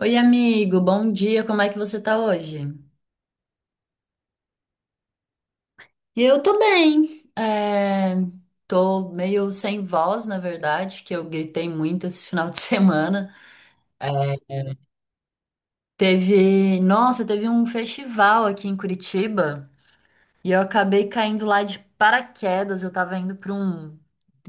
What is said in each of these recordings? Oi, amigo, bom dia, como é que você tá hoje? Eu tô bem. É, tô meio sem voz, na verdade, que eu gritei muito esse final de semana. É, teve, nossa, teve um festival aqui em Curitiba e eu acabei caindo lá de paraquedas. Eu tava indo pra um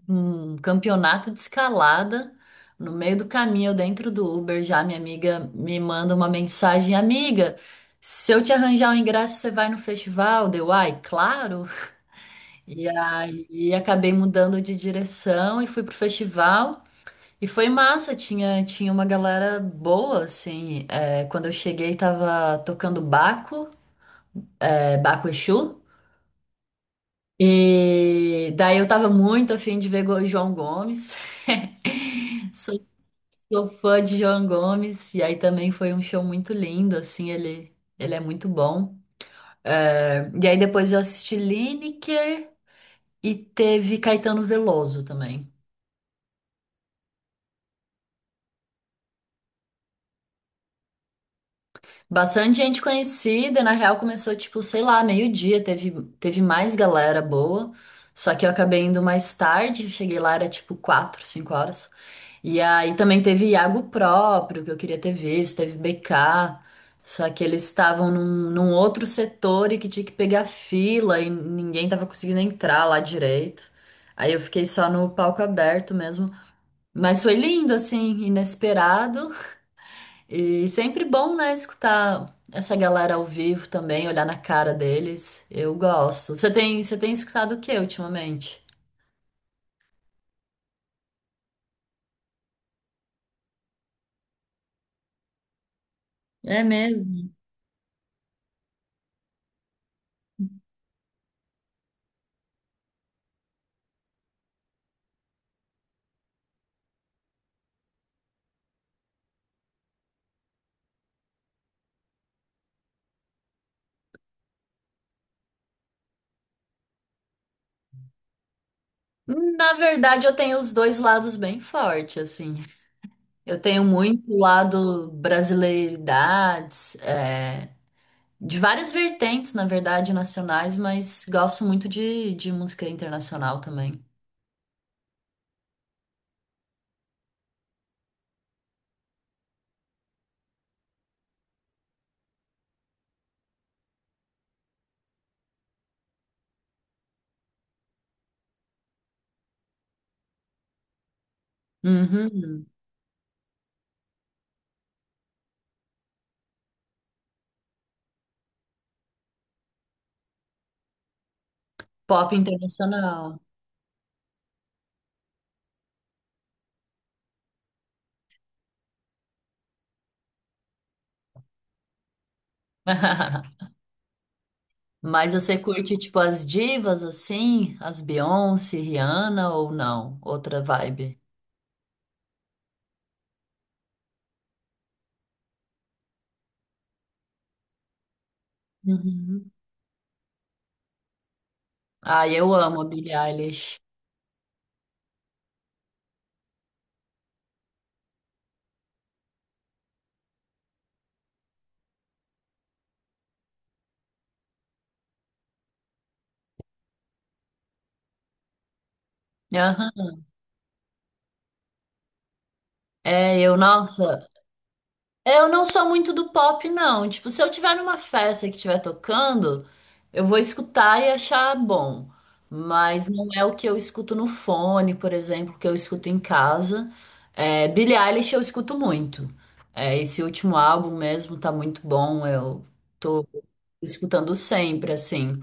um campeonato de escalada. No meio do caminho, eu dentro do Uber, já minha amiga me manda uma mensagem, amiga, se eu te arranjar um ingresso, você vai no festival? Deu, ai, claro. E aí acabei mudando de direção e fui pro festival. E foi massa, tinha uma galera boa, assim. É, quando eu cheguei, tava tocando Baco, é, Baco Exu. E daí eu tava muito afim de ver João Gomes. Só Sou fã de João Gomes, e aí também foi um show muito lindo, assim, ele é muito bom. É, e aí depois eu assisti Lineker e teve Caetano Veloso também. Bastante gente conhecida, na real começou, tipo, sei lá, meio-dia, teve, teve mais galera boa, só que eu acabei indo mais tarde, cheguei lá, era tipo quatro, cinco horas. E aí também teve Iago próprio, que eu queria ter visto, teve BK, só que eles estavam num outro setor e que tinha que pegar fila e ninguém tava conseguindo entrar lá direito. Aí eu fiquei só no palco aberto mesmo. Mas foi lindo, assim, inesperado. E sempre bom, né, escutar essa galera ao vivo também, olhar na cara deles. Eu gosto. Você tem escutado o que ultimamente? É mesmo? Na verdade, eu tenho os dois lados bem forte assim. Eu tenho muito lado brasileiridades, é, de várias vertentes, na verdade, nacionais, mas gosto muito de música internacional também. Uhum. Pop internacional. Mas você curte, tipo, as divas, assim? As Beyoncé, Rihanna ou não? Outra vibe. Uhum. Ah, eu amo a Billie Eilish. Aham. É, eu, nossa. Eu não sou muito do pop, não. Tipo, se eu tiver numa festa que estiver tocando, eu vou escutar e achar bom. Mas não é o que eu escuto no fone, por exemplo, que eu escuto em casa. É, Billie Eilish eu escuto muito. É, esse último álbum mesmo tá muito bom. Eu tô escutando sempre, assim.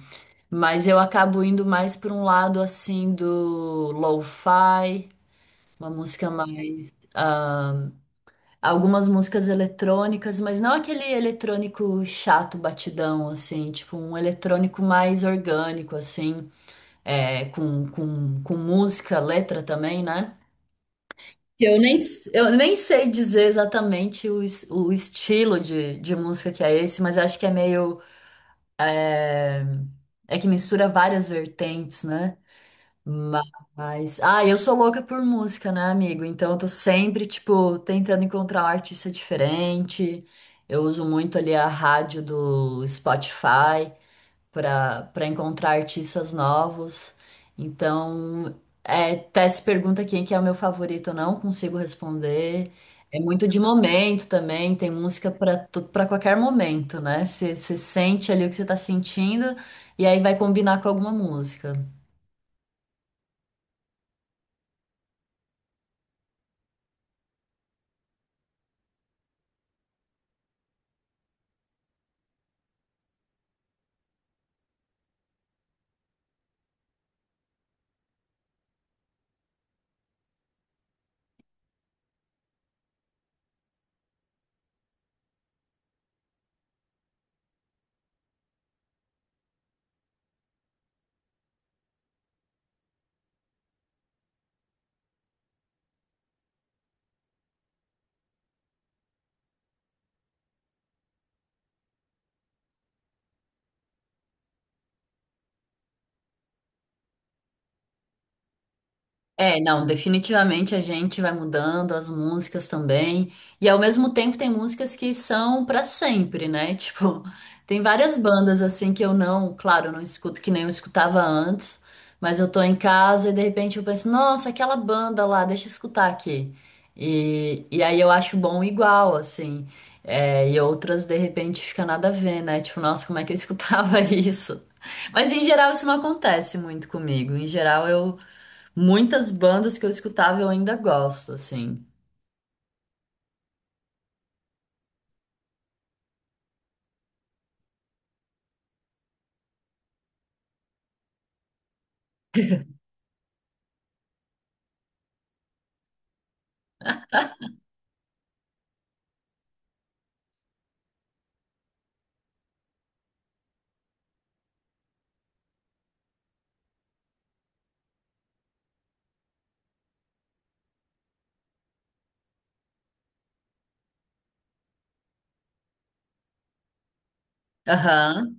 Mas eu acabo indo mais por um lado, assim, do lo-fi, uma música mais. Ah, algumas músicas eletrônicas, mas não aquele eletrônico chato, batidão, assim, tipo um eletrônico mais orgânico, assim, é, com, com música, letra também, né? Eu nem, eu nem sei dizer exatamente o estilo de música que é esse, mas acho que é meio. É que mistura várias vertentes, né? Mas, ah, eu sou louca por música, né, amigo? Então eu tô sempre, tipo, tentando encontrar um artista diferente. Eu uso muito ali a rádio do Spotify para encontrar artistas novos. Então, é, até se pergunta quem que é o meu favorito, eu não consigo responder. É muito de momento também, tem música para qualquer momento, né? Você sente ali o que você tá sentindo e aí vai combinar com alguma música. É, não, definitivamente a gente vai mudando as músicas também. E ao mesmo tempo tem músicas que são pra sempre, né? Tipo, tem várias bandas assim que eu não, claro, eu não escuto que nem eu escutava antes, mas eu tô em casa e de repente eu penso, nossa, aquela banda lá, deixa eu escutar aqui. E aí eu acho bom igual, assim. É, e outras de repente fica nada a ver, né? Tipo, nossa, como é que eu escutava isso? Mas em geral isso não acontece muito comigo. Em geral eu Muitas bandas que eu escutava eu ainda gosto, assim. Aham,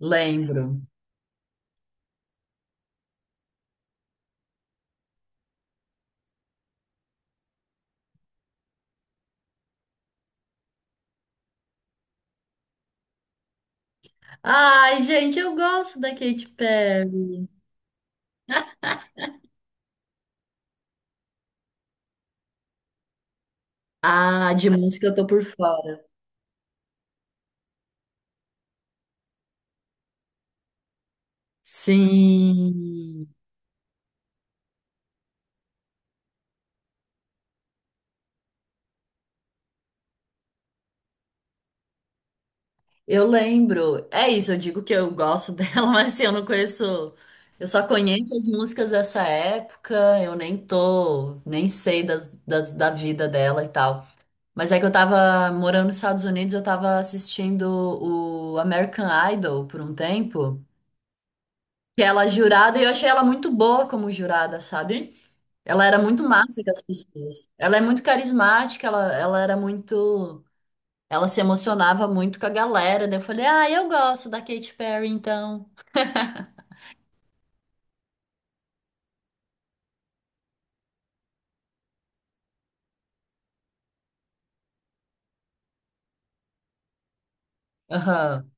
lembro. Ai, gente, eu gosto da Katy Perry. Ah, de música eu tô por fora. Sim, eu lembro. É isso, eu digo que eu gosto dela, mas assim, eu não conheço. Eu só conheço as músicas dessa época, eu nem tô, nem sei da vida dela e tal. Mas é que eu tava morando nos Estados Unidos, eu tava assistindo o American Idol por um tempo. Que ela é jurada, e eu achei ela muito boa como jurada, sabe? Ela era muito massa com as pessoas. Ela é muito carismática, ela era muito. Ela se emocionava muito com a galera. Daí eu falei, ah, eu gosto da Katy Perry, então. Aham.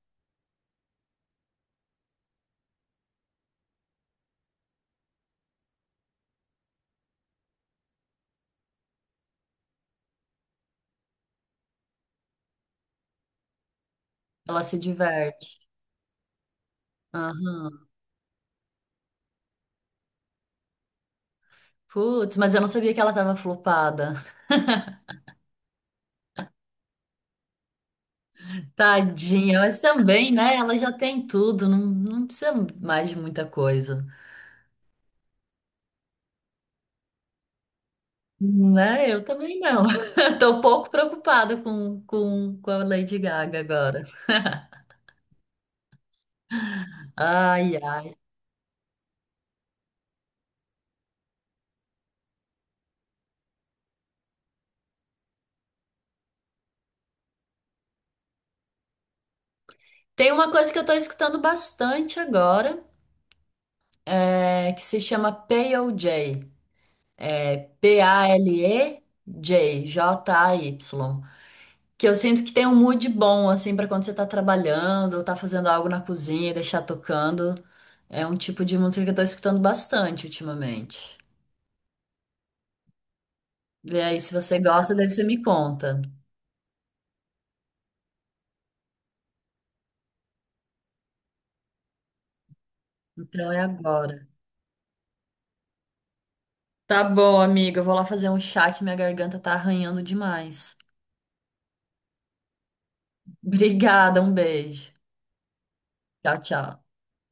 Ela se diverte. Aham. Putz, mas eu não sabia que ela tava flopada. Tadinha, mas também, né? Ela já tem tudo, não, não precisa mais de muita coisa. Né? Eu também não. Tô um pouco preocupada com a Lady Gaga agora. Ai, ai. Tem uma coisa que eu tô escutando bastante agora, é, que se chama POJ Palejay. Que eu sinto que tem um mood bom, assim, pra quando você tá trabalhando ou tá fazendo algo na cozinha e deixar tocando. É um tipo de música que eu tô escutando bastante ultimamente. Vê aí, se você gosta, daí você me conta. Então é agora. Tá bom, amiga. Eu vou lá fazer um chá que minha garganta tá arranhando demais. Obrigada, um beijo. Tchau, tchau.